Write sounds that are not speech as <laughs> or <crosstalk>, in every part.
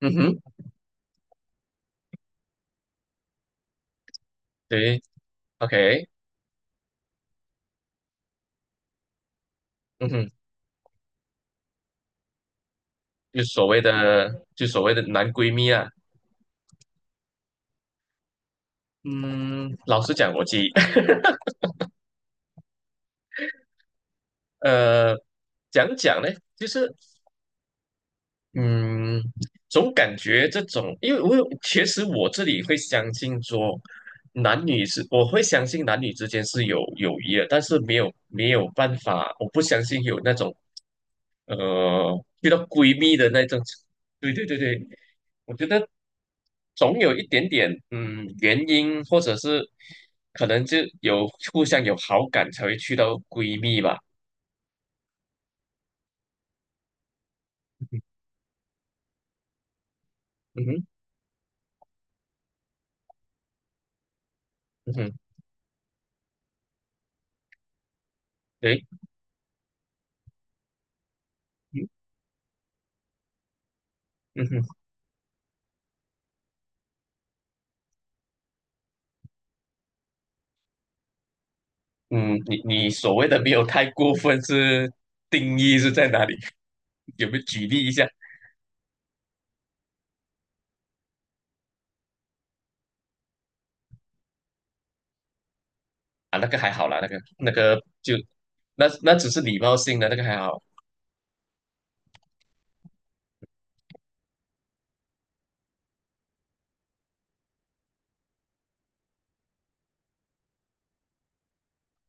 嗯哼。对。OK。嗯哼。就所谓的男闺蜜啊。嗯，老实讲，我自己 <laughs>，呃，讲讲呢，就是嗯，总感觉这种，因为我有，其实我这里会相信说，男女是，我会相信男女之间是有友谊的，但是没有办法，我不相信有那种遇到闺蜜的那种。对对对对。我觉得总有一点点嗯原因，或者是可能就有互相有好感才会去到闺蜜吧。嗯哼。嗯哼。诶。嗯。嗯哼。嗯，你所谓的没有太过分是定义是在哪里？<laughs> 有没有举例一下？啊？那个还好啦，那个那个就那那只是礼貌性的，那个还好。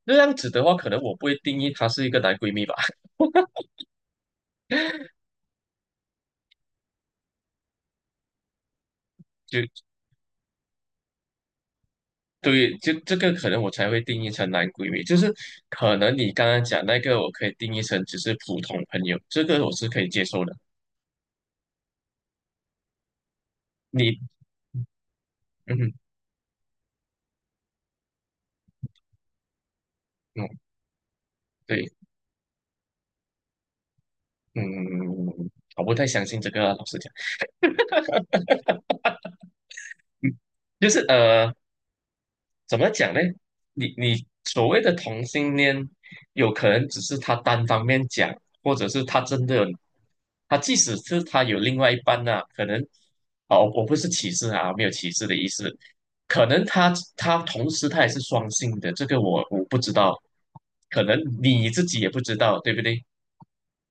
那样子的话，可能我不会定义她是一个男闺蜜吧，<laughs> 就对，就这个可能我才会定义成男闺蜜，就是可能你刚刚讲那个，我可以定义成只是普通朋友，这个我是可以接受的。你，嗯哼。嗯，对，嗯，我不太相信这个啊老实讲。嗯，就是怎么讲呢？你所谓的同性恋，有可能只是他单方面讲，或者是他真的他即使是他有另外一半呢、可能哦，我不是歧视啊，没有歧视的意思，可能他同时他也是双性的，这个我不知道，可能你自己也不知道，对不对？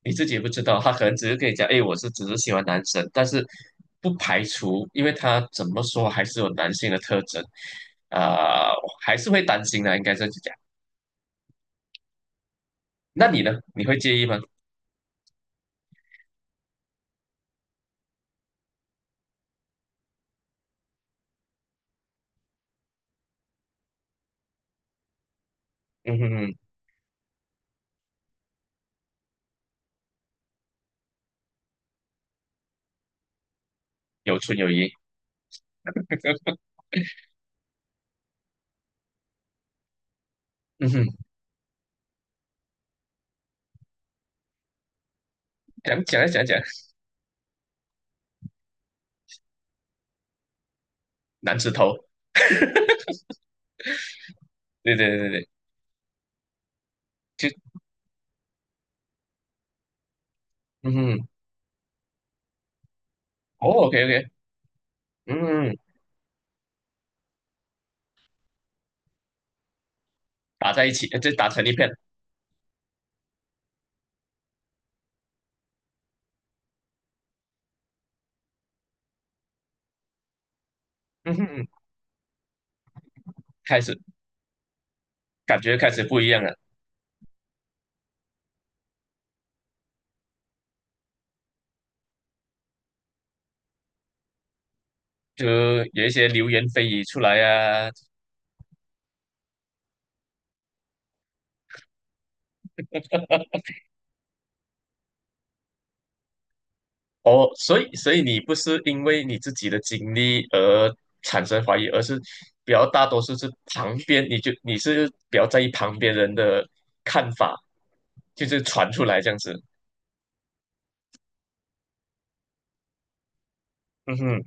你自己也不知道，他可能只是跟你讲，哎，我是只是喜欢男生，但是不排除，因为他怎么说还是有男性的特征，啊、我还是会担心的，应该这样子讲。那你呢？你会介意吗？嗯哼哼。有纯有义。嗯哼。讲讲讲讲。男子头。<laughs> 对对对对对。就嗯哼。哦，OK OK。嗯，打在一起，呃就打成一片。嗯哼。开始感觉开始不一样了。就有一些流言蜚语出来啊。哦，所以所以你不是因为你自己的经历而产生怀疑，而是比较大多数是旁边，你就你是比较在意旁边人的看法，就是传出来这样子。嗯哼。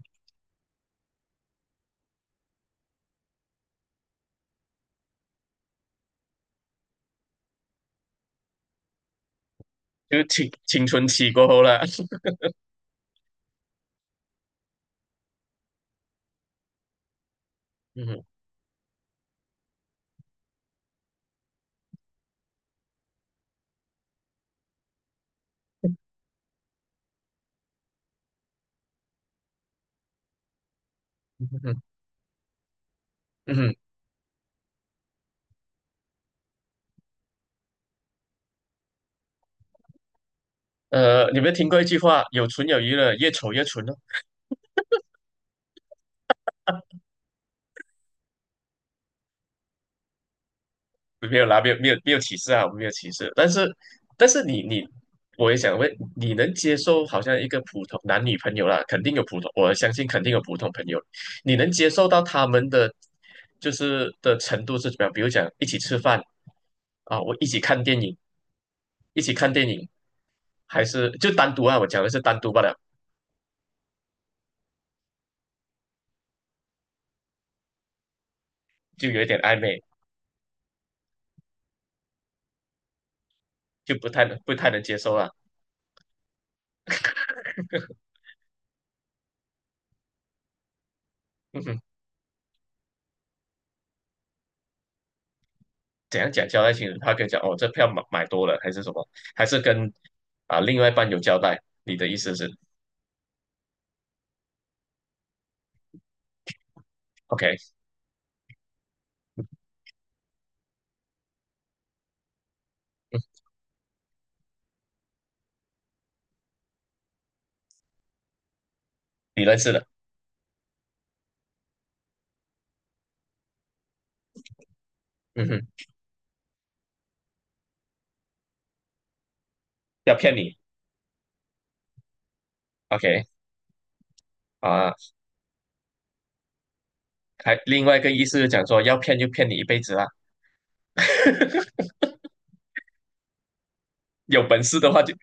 就是青春期过后了。<laughs> 嗯哼。嗯哼。嗯哼。你有没有听过一句话？有纯有余了，越丑越纯。没有啦，没有歧视啊，我们没有歧视。但是但是你你，我也想问，你能接受好像一个普通男女朋友啦，肯定有普通，我相信肯定有普通朋友，你能接受到他们的就是的程度是怎么样？比如讲一起吃饭啊，我一起看电影，一起看电影，还是就单独啊？我讲的是单独罢了，就有一点暧昧，就不太能接受了。<laughs> 怎样讲交代清楚？他跟你讲哦，这票买多了还是什么？还是跟啊、另外一半有交代？你的意思是 OK。嗯，你认识的。嗯哼。要骗你 OK。 啊、还另外一个意思是讲说要骗就骗你一辈子啦。<laughs> 有本事的话就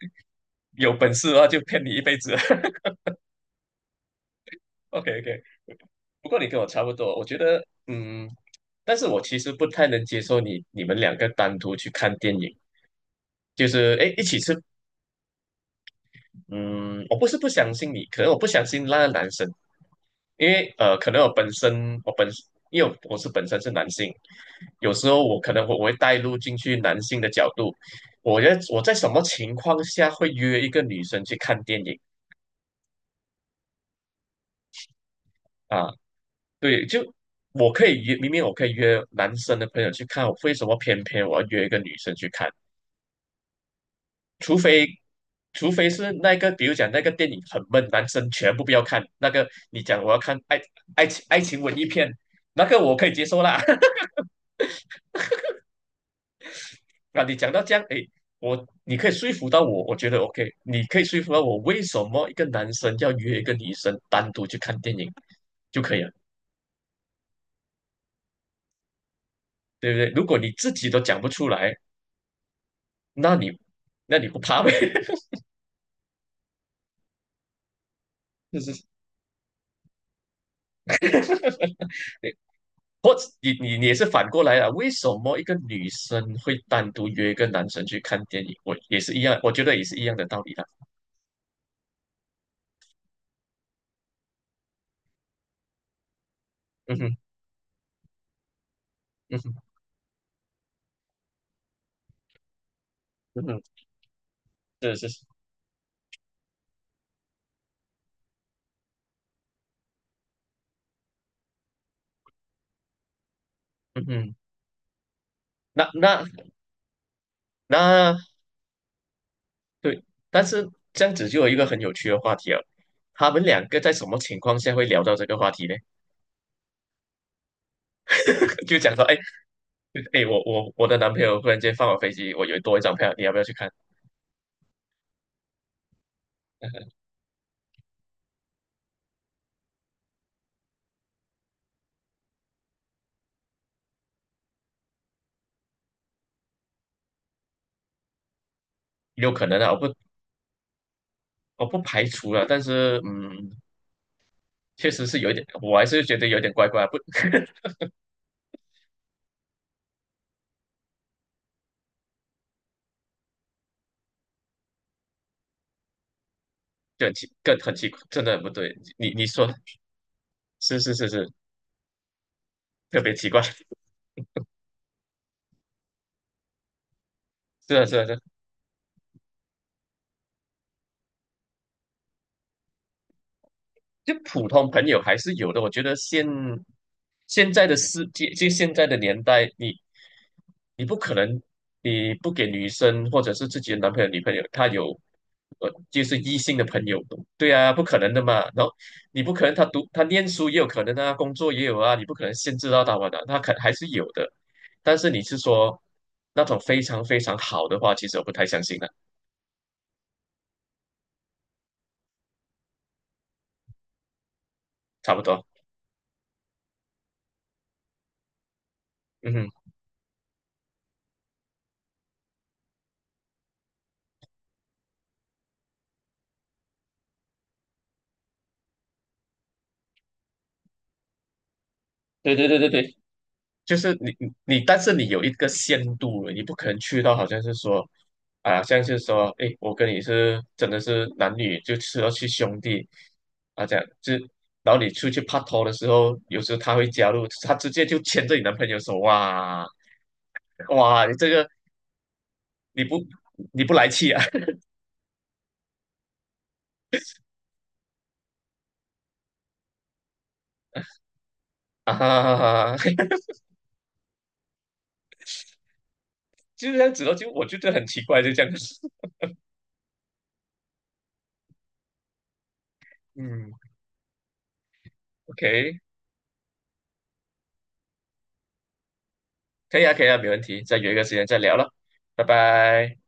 有本事的话就骗你一辈子。 <laughs> OK OK。不过你跟我差不多，我觉得嗯，但是我其实不太能接受你们两个单独去看电影。就是哎，一起吃。嗯，我不是不相信你，可能我不相信那个男生。因为呃，可能我本身我本因为我本身是男性，有时候我可能会带入进去男性的角度，我觉得我在什么情况下会约一个女生去看电影啊？对，就我可以约，明明我可以约男生的朋友去看，我为什么偏偏我要约一个女生去看？除非是那个，比如讲那个电影很闷，男生全部不要看。那个你讲我要看爱情爱情文艺片，那个我可以接受啦。<laughs> 那你讲到这样，哎，我你可以说服到我，我觉得 OK,你可以说服到我，为什么一个男生要约一个女生单独去看电影就可以了，对不对？如果你自己都讲不出来，那你那你不怕呗？<laughs> 就是你或者你也是反过来了，为什么一个女生会单独约一个男生去看电影？我也是一样，我觉得也是一样的道理啦。嗯哼。嗯哼。嗯哼。是是是。嗯哼。那那那对，但是这样子就有一个很有趣的话题了。他们两个在什么情况下会聊到这个话题呢？<laughs> 就讲说，哎，哎，我的男朋友忽然间放我飞机，我有多一张票，你要不要去看？有可能啊，我不排除了，但是嗯，确实是有一点，我还是觉得有点怪怪，不。<laughs> 就很奇，更很奇，怪，真的很不对。你你说是是是是，特别奇怪。<laughs> 是啊是啊是啊。就普通朋友还是有的。我觉得现在的世界，就现在的年代，你你不可能你不给女生或者是自己的男朋友、女朋友，他有呃就是异性的朋友，对啊，不可能的嘛。然后你不可能他读他念书也有可能啊，工作也有啊，你不可能限制到他们的，他可还是有的。但是你是说那种非常非常好的话，其实我不太相信的，差不多。嗯哼。对对对对对。就是你你，但是你有一个限度了，你不可能去到好像是说，啊，像是说，诶，我跟你是真的是男女，就是要去兄弟，啊，这样就，然后你出去拍拖的时候，有时候他会加入，他直接就牵着你男朋友手，哇。哇，你这个你不你不来气啊。 <laughs> 啊，就这样子咯，就我就觉得很奇怪，就这样子。<laughs> 嗯，OK,可以啊，可以啊，没问题，再约一个时间再聊了，拜拜。